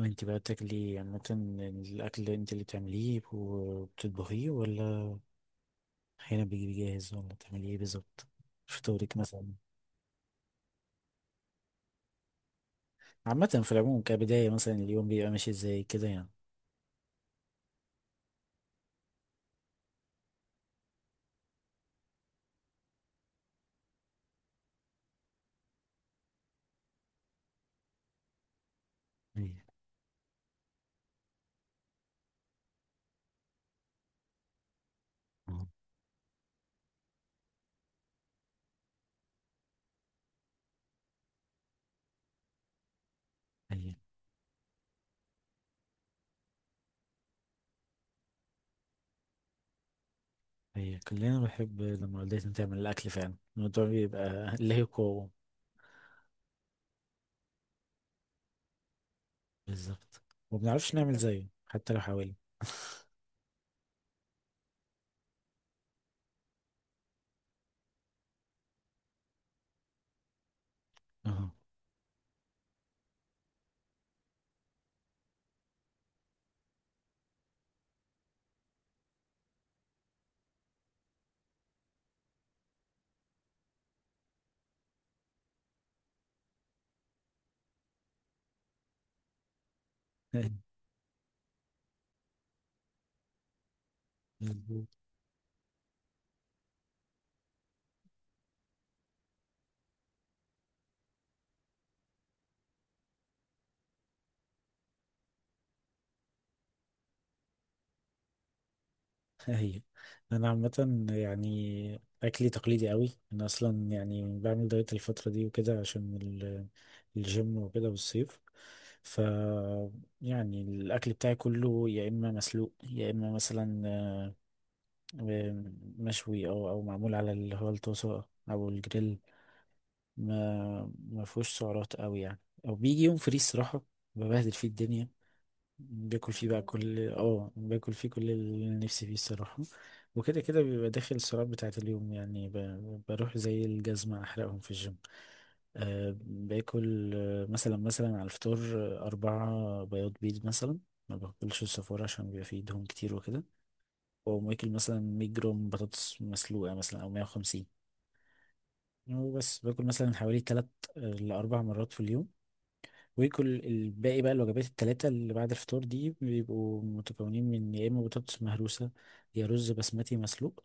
انت بقى بتاكلي عامة؟ الأكل اللي انت اللي بتعمليه وبتطبخيه، ولا أحيانا بيجي جاهز، ولا بتعملي ايه بالظبط؟ فطورك مثلا؟ عامة في العموم كبداية، مثلا اليوم بيبقى ماشي ازاي كده يعني؟ ايوه. اه. ايوه ايوه. كلنا بنحب لما والدتنا تعمل الأكل، فعلا الموضوع بيبقى له قوة. بالظبط، ومبنعرفش نعمل زيه حتى لو حاولنا. اه. هي، انا عامه يعني اكلي تقليدي قوي، انا اصلا يعني بعمل دايت الفتره دي وكده عشان الجيم وكده والصيف. ف يعني الاكل بتاعي كله يا اما مسلوق، يا اما مثلا آه، مشوي، او معمول على اللي هو الطاسه، او الجريل. ما ما فيهوش سعرات قوي يعني. او بيجي يوم فري الصراحه ببهدل فيه الدنيا، باكل فيه بقى كل، باكل فيه كل اللي نفسي فيه الصراحة. وكده كده بيبقى داخل السعرات بتاعة اليوم يعني، بروح زي الجزمة أحرقهم في الجيم. أه باكل، مثلا على الفطار، أربعة بياض بيض مثلا. ما باكلش الصفار عشان بيبقى فيه دهون كتير وكده. وماكل مثلا 100 جرام بطاطس مسلوقة مثلا أو 150. وبس باكل مثلا حوالي تلات، لأربع مرات في اليوم. ويكل الباقي بقى، الوجبات التلاتة اللي بعد الفطار دي بيبقوا متكونين من يا إما بطاطس مهروسة، يا رز بسمتي مسلوق،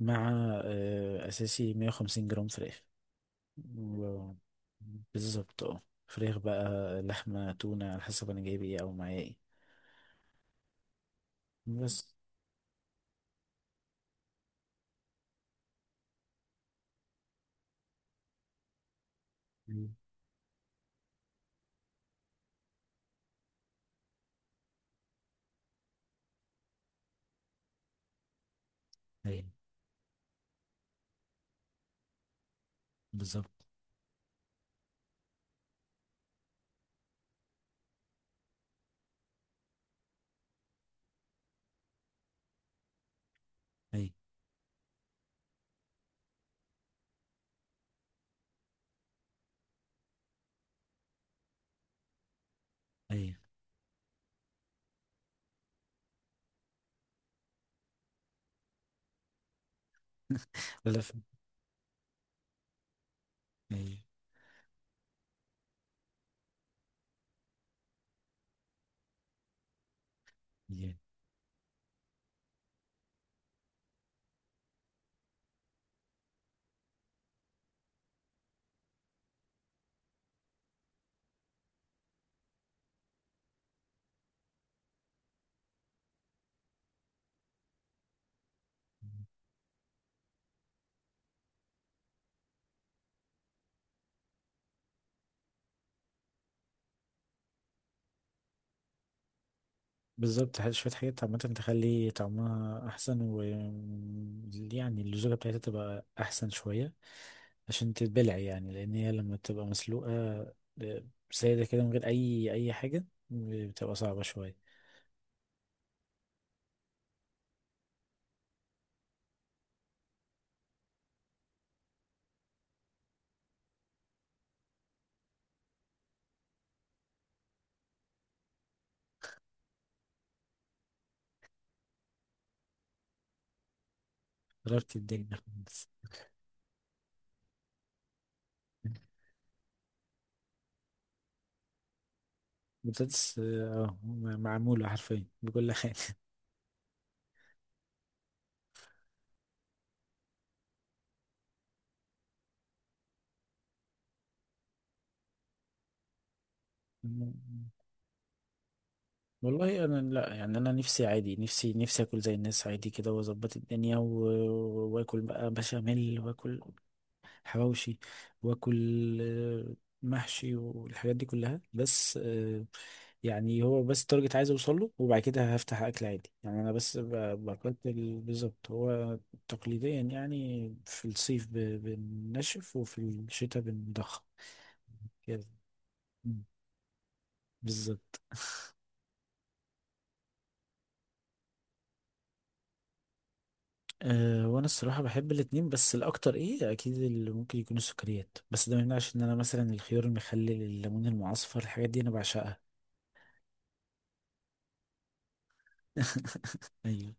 مع أساسي 150 جرام فراخ. و- بالظبط، اه فراخ بقى، لحمة، تونة، على حسب أنا جايب ايه أو معايا ايه بس. أيوة. أيوة بالظبط. أيوة. أيوة لف. أيوة أيوة بالظبط. شوية حاجات عامة تخلي طعمها أحسن، و يعني اللزوجة بتاعتها تبقى أحسن شوية عشان تتبلع يعني، لان هي لما بتبقى مسلوقه آه، ساده كده من غير اي حاجه بتبقى صعبه شويه. جربت الدنيا خالص. البطاطس معموله حرفيا بكل حاجه. والله انا لا، يعني انا نفسي عادي، نفسي اكل زي الناس عادي كده، واظبط الدنيا، واكل بقى بشاميل، واكل حواوشي، واكل محشي والحاجات دي كلها، بس يعني هو بس التارجت عايز اوصل له، وبعد كده هفتح اكل عادي يعني، انا بس بقتل. بالظبط. هو تقليديا يعني في الصيف بنشف، وفي الشتاء بنضخم كده. مم. بالظبط أه، وانا الصراحه بحب الاتنين، بس الاكتر ايه اكيد اللي ممكن يكون السكريات، بس ده ما يمنعش ان انا مثلا الخيار المخلل، الليمون المعصفر، الحاجات دي انا بعشقها. ايوه.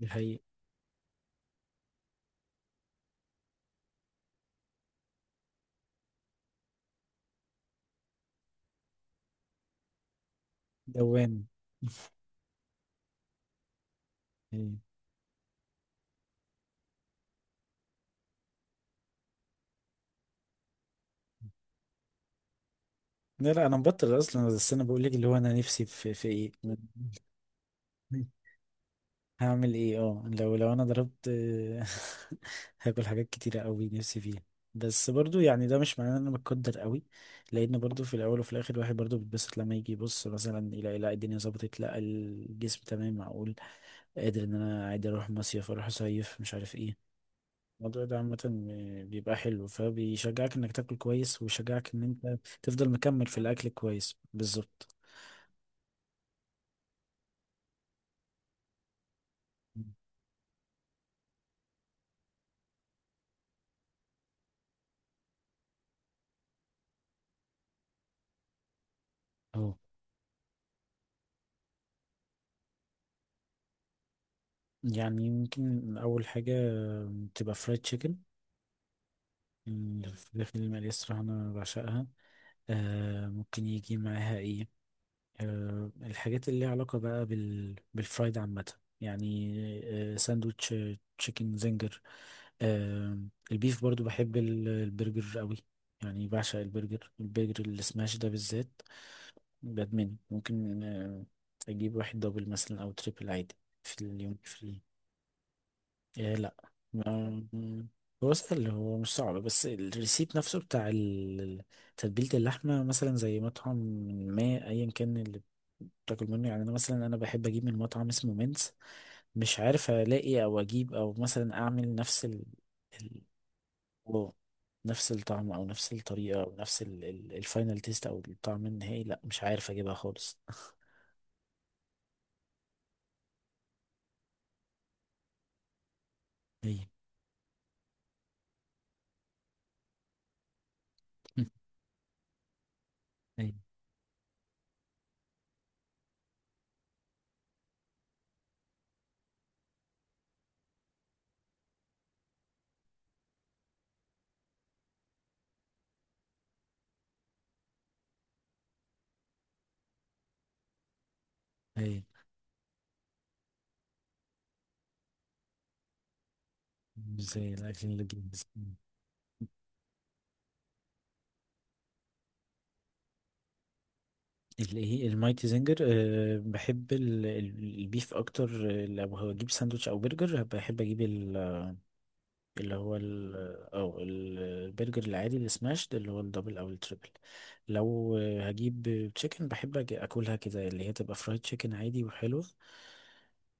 دي حقيقة. دوام. يعني. لا لا، انا مبطل اصلا، بس انا بقول لك اللي هو انا نفسي في ايه مم. هعمل ايه؟ اه، لو انا ضربت، هاكل حاجات كتيرة قوي نفسي فيها. بس برضو يعني ده مش معناه ان انا متقدر قوي، لان برضو في الاول وفي الاخر الواحد برضو بيتبسط لما يجي يبص مثلا يلاقي لا الدنيا ظبطت، لا الجسم تمام، معقول قادر ان انا عادي اروح مصيف، اروح اصيف، مش عارف ايه. الموضوع ده عامة بيبقى حلو، فبيشجعك انك تاكل كويس، ويشجعك ان انت تفضل مكمل في الاكل كويس بالظبط. اهو. يعني يمكن اول حاجة تبقى فرايد تشيكن، الفراخ المقلية الصراحة انا بعشقها. آه، ممكن يجي معاها ايه، الحاجات اللي ليها علاقة بقى بالفرايد عامة يعني، ساندوتش، تشيكن زنجر. آه، البيف برضو بحب البرجر قوي، يعني بعشق البرجر، البرجر السماش ده بالذات بدمنه، ممكن أجيب واحد دبل مثلا أو تريبل عادي في اليوم، في. إيه لا، ما- هو سهل، هو مش صعب، بس الريسيب نفسه بتاع تتبيلة اللحمة مثلا زي مطعم ما، أيا كان اللي بتاكل منه يعني. أنا مثلا بحب أجيب من مطعم اسمه مينز، مش عارف ألاقي أو أجيب أو مثلا أعمل نفس ال- واو، نفس الطعم أو نفس الطريقة أو نفس الفاينل تيست، أو الطعم النهائي، لا مش عارف أجيبها خالص أيوه. أيوه. أيوه. مش زي الأكل اللي بينزل. الايه، المايتي زنجر؟ أه بحب البيف اكتر، لو هجيب ساندوتش او برجر بحب اجيب ال- اللي هو ال او البرجر العادي السماش ده اللي هو الدبل او التريبل. لو هجيب تشيكن بحب اكلها كده اللي هي تبقى فرايد تشيكن عادي وحلوة،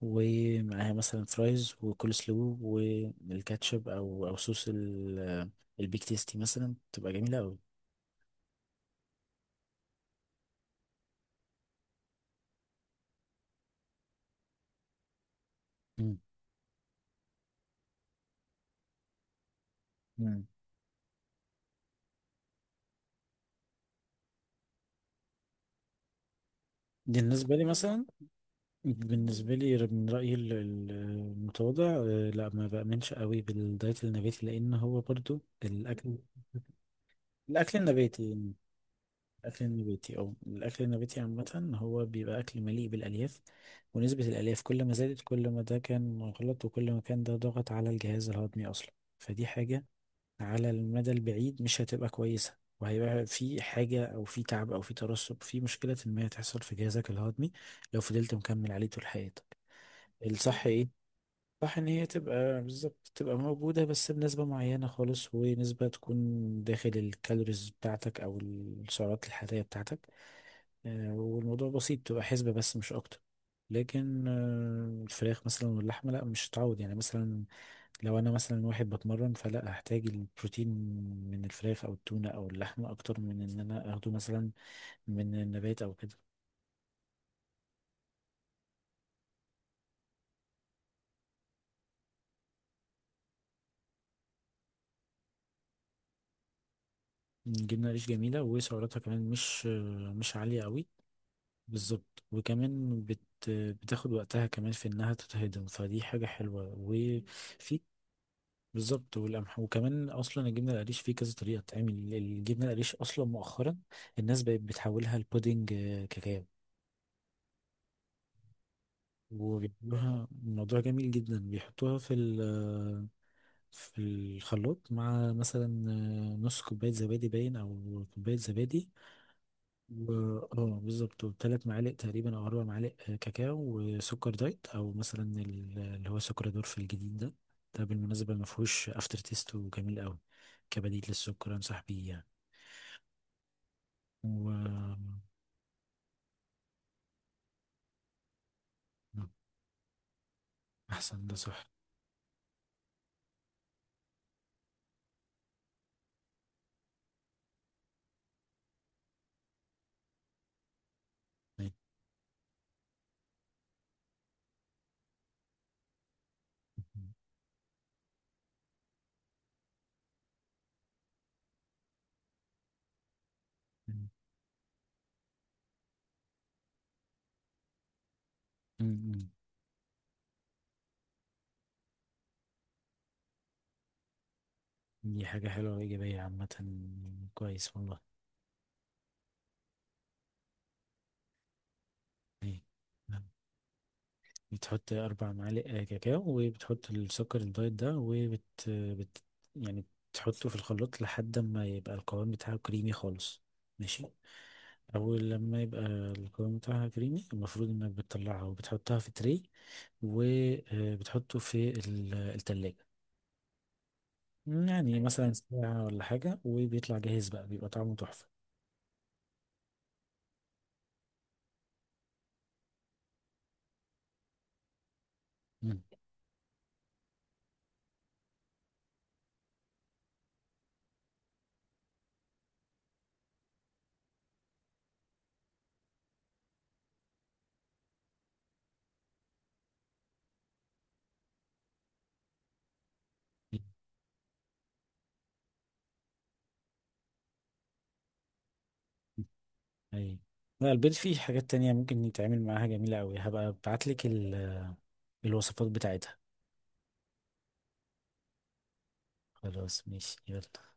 ومعاها مثلا فرايز وكول سلو والكاتشب، او صوص البيك تيستي مثلا، تبقى جميلة قوي. مم. مم. دي بالنسبة لي مثلا. بالنسبة لي من رأيي المتواضع، لا، ما بأمنش قوي بالدايت النباتي، لأن هو برضو الأكل، الأكل النباتي يعني، الأكل النباتي أو الأكل النباتي عامة هو بيبقى أكل مليء بالألياف. ونسبة الألياف كل ما زادت كل ما ده كان غلط، وكل ما كان ده ضغط على الجهاز الهضمي أصلا. فدي حاجة على المدى البعيد مش هتبقى كويسة، وهيبقى في حاجة أو في تعب أو في ترسب، في مشكلة ما هتحصل في جهازك الهضمي لو فضلت مكمل عليه طول حياتك. الصح إيه؟ صح ان هي تبقى بالظبط تبقى موجودة بس بنسبة معينة خالص، ونسبة تكون داخل الكالوريز بتاعتك او السعرات الحرارية بتاعتك، والموضوع بسيط، تبقى حسبة بس مش اكتر. لكن الفراخ مثلا واللحمة لا، مش هتعود يعني. مثلا لو انا مثلا واحد بتمرن، فلا هحتاج البروتين من الفراخ او التونة او اللحمة اكتر من ان انا اخده مثلا من النبات او كده. جبنة قريش جميلة، وسعراتها كمان مش، مش عالية قوي. بالظبط، وكمان بتاخد وقتها كمان في انها تتهضم، فدي حاجة حلوة، وفي. بالظبط، والقمح، وكمان اصلا الجبنة القريش فيه كذا طريقة تعمل الجبنة القريش. اصلا مؤخرا الناس بقت بتحولها لبودنج كاكاو، وبيعملوها، الموضوع جميل جدا، بيحطوها في في الخلاط مع مثلا نص كوباية زبادي باين أو كوباية زبادي. اه بالظبط، وثلاث معالق تقريبا او اربع معالق كاكاو، وسكر دايت او مثلا اللي هو سكر دورف الجديد ده. ده بالمناسبه ما فيهوش افتر تيست وجميل قوي، كبديل للسكر انصح بيه يعني. و آه، احسن ده صح. م- م- دي حاجه حلوه وايجابيه عامه، كويس والله. إيه. بتحط أربع معالق كاكاو، وبتحط السكر الدايت ده، وبت بت يعني تحطه في الخلاط لحد ما يبقى القوام بتاعه كريمي خالص، ماشي. أول لما يبقى القوام بتاعها كريمي، المفروض إنك بتطلعها وبتحطها في تري، وبتحطه في التلاجة يعني مثلا ساعة ولا حاجة، وبيطلع جاهز بقى، بيبقى طعمه تحفة. مم. أي. لا، البيض فيه حاجات تانية ممكن يتعمل معاها جميلة أوي، هبقى أبعتلك الوصفات بتاعتها. خلاص ماشي يلا.